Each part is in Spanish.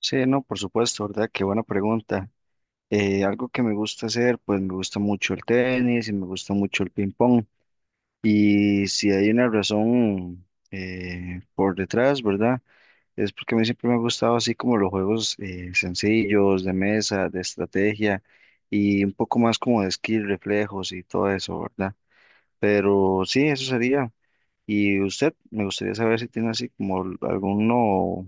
Sí, no, por supuesto, ¿verdad? Qué buena pregunta. Algo que me gusta hacer, pues me gusta mucho el tenis y me gusta mucho el ping pong. Y si hay una razón por detrás, ¿verdad? Es porque a mí siempre me ha gustado así como los juegos sencillos, de mesa, de estrategia y un poco más como de skill, reflejos y todo eso, ¿verdad? Pero sí, eso sería. Y usted, me gustaría saber si tiene así como alguno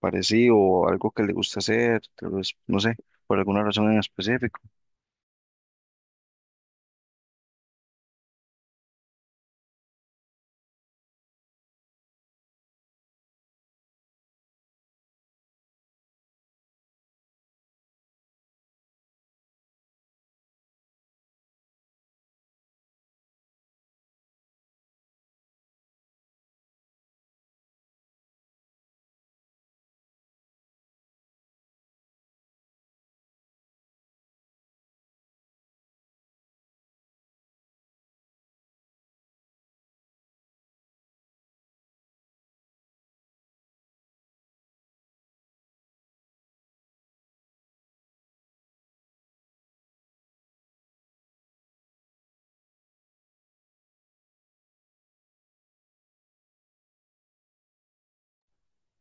parecido o algo que le gusta hacer, tal vez, no sé, por alguna razón en específico.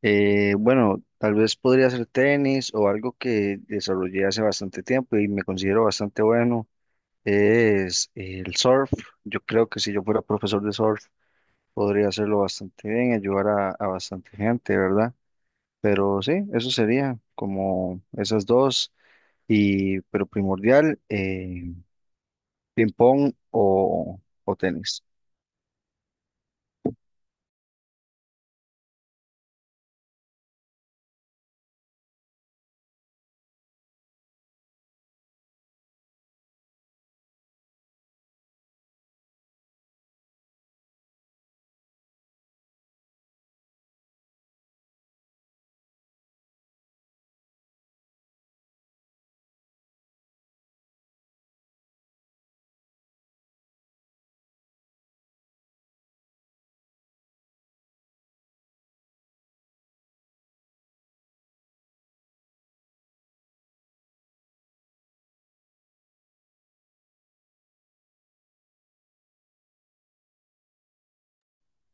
Bueno, tal vez podría ser tenis o algo que desarrollé hace bastante tiempo y me considero bastante bueno, es el surf. Yo creo que si yo fuera profesor de surf, podría hacerlo bastante bien, ayudar a bastante gente, ¿verdad? Pero sí, eso sería como esas dos, y, pero primordial, ping pong o tenis.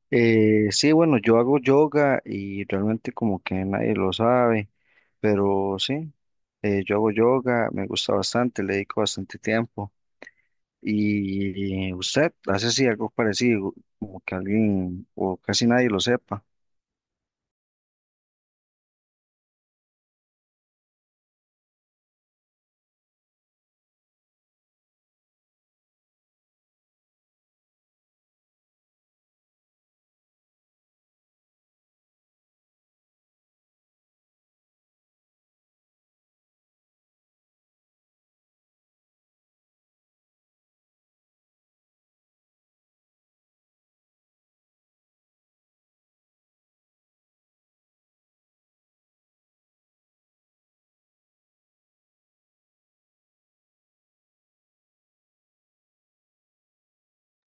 Sí, bueno, yo hago yoga y realmente como que nadie lo sabe, pero sí, yo hago yoga, me gusta bastante, le dedico bastante tiempo. ¿Y usted hace así algo parecido, como que alguien o casi nadie lo sepa?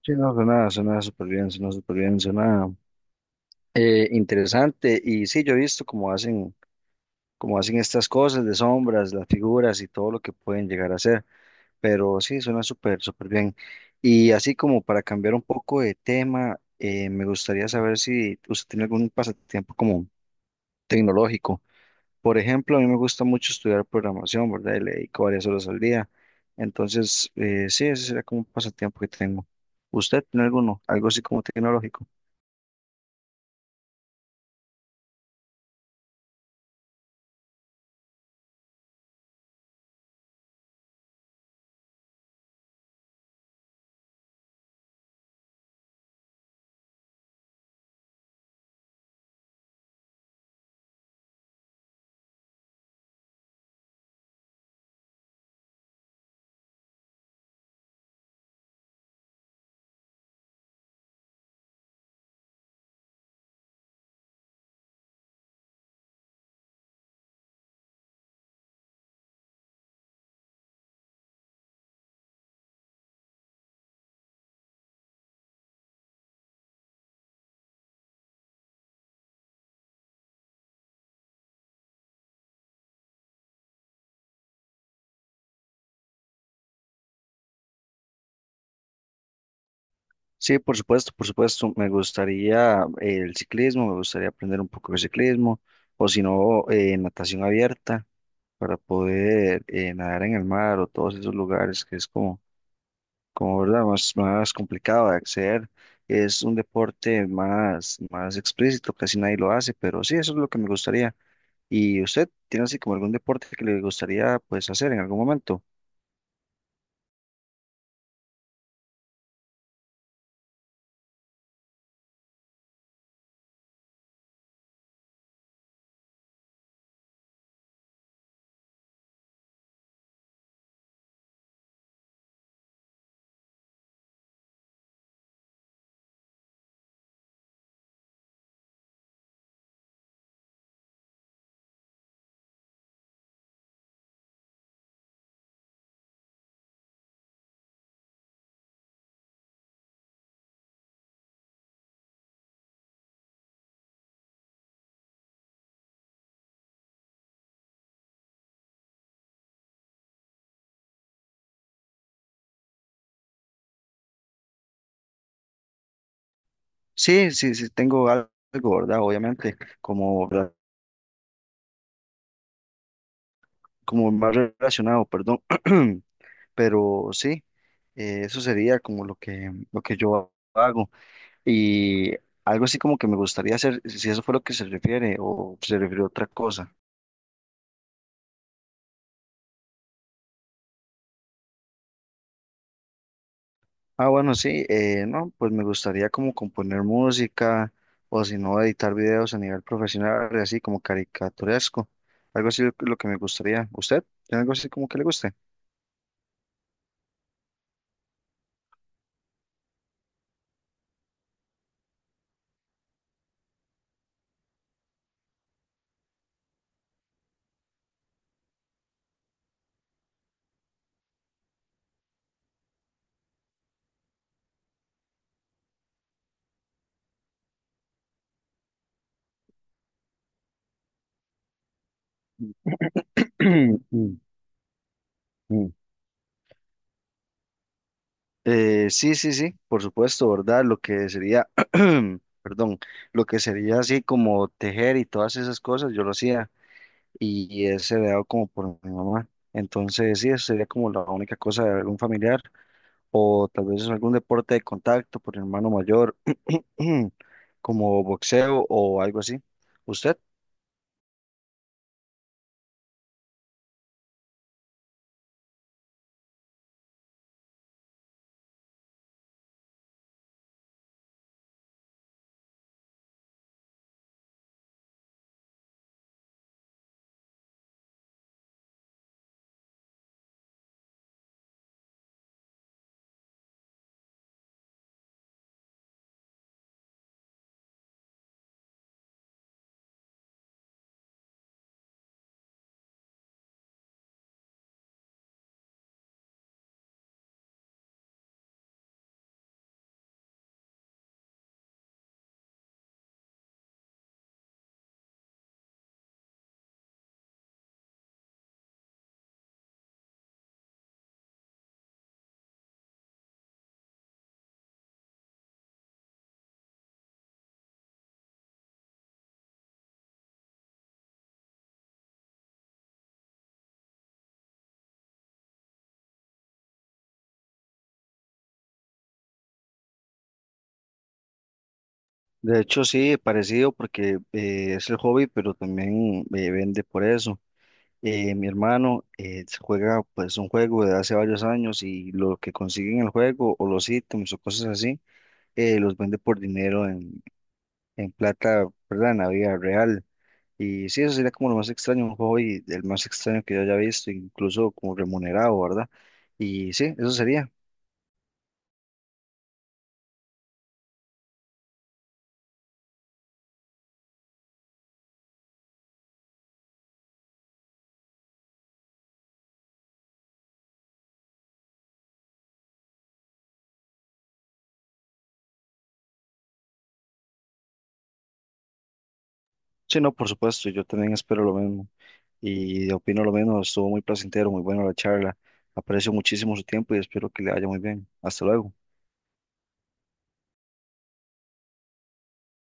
Sí, no, suena súper bien, suena súper bien, suena interesante. Y sí, yo he visto cómo hacen estas cosas de sombras, las figuras y todo lo que pueden llegar a hacer. Pero sí, suena súper, súper bien. Y así como para cambiar un poco de tema, me gustaría saber si usted tiene algún pasatiempo como tecnológico. Por ejemplo, a mí me gusta mucho estudiar programación, ¿verdad? Y le dedico varias horas al día. Entonces, sí, ese sería como un pasatiempo que tengo. ¿Usted tiene alguno? Algo así como tecnológico. Sí, por supuesto, por supuesto. Me gustaría el ciclismo, me gustaría aprender un poco de ciclismo, o si no, natación abierta. Para poder nadar en el mar o todos esos lugares que es como, como verdad, más complicado de acceder. Es un deporte más explícito, casi nadie lo hace, pero sí, eso es lo que me gustaría. ¿Y usted tiene así como algún deporte que le gustaría pues hacer en algún momento? Sí, sí, sí, tengo algo, ¿verdad? Obviamente, como, como más relacionado, perdón, pero sí, eso sería como lo lo que yo hago. Y algo así como que me gustaría hacer, si eso fue lo que se refiere o se refiere a otra cosa. Ah, bueno, sí, no, pues me gustaría como componer música o si no, editar videos a nivel profesional, así como caricaturesco. Algo así lo que me gustaría. ¿Usted tiene algo así como que le guste? Mm, mm. Sí, sí, sí, por supuesto, ¿verdad? Lo que sería, perdón, lo que sería así como tejer y todas esas cosas, yo lo hacía. Y es heredado como por mi mamá. Entonces, sí, eso sería como la única cosa de algún familiar o tal vez algún deporte de contacto por el hermano mayor, como boxeo o algo así. ¿Usted? De hecho, sí, parecido porque es el hobby, pero también vende por eso. Mi hermano juega pues un juego de hace varios años y lo que consigue en el juego o los ítems o cosas así, los vende por dinero en plata, ¿verdad? En la vida real. Y sí, eso sería como lo más extraño, un hobby, el más extraño que yo haya visto, incluso como remunerado, ¿verdad? Y sí, eso sería. Sí, no, por supuesto, yo también espero lo mismo y opino lo mismo. Estuvo muy placentero, muy bueno la charla. Aprecio muchísimo su tiempo y espero que le vaya muy bien. Hasta luego.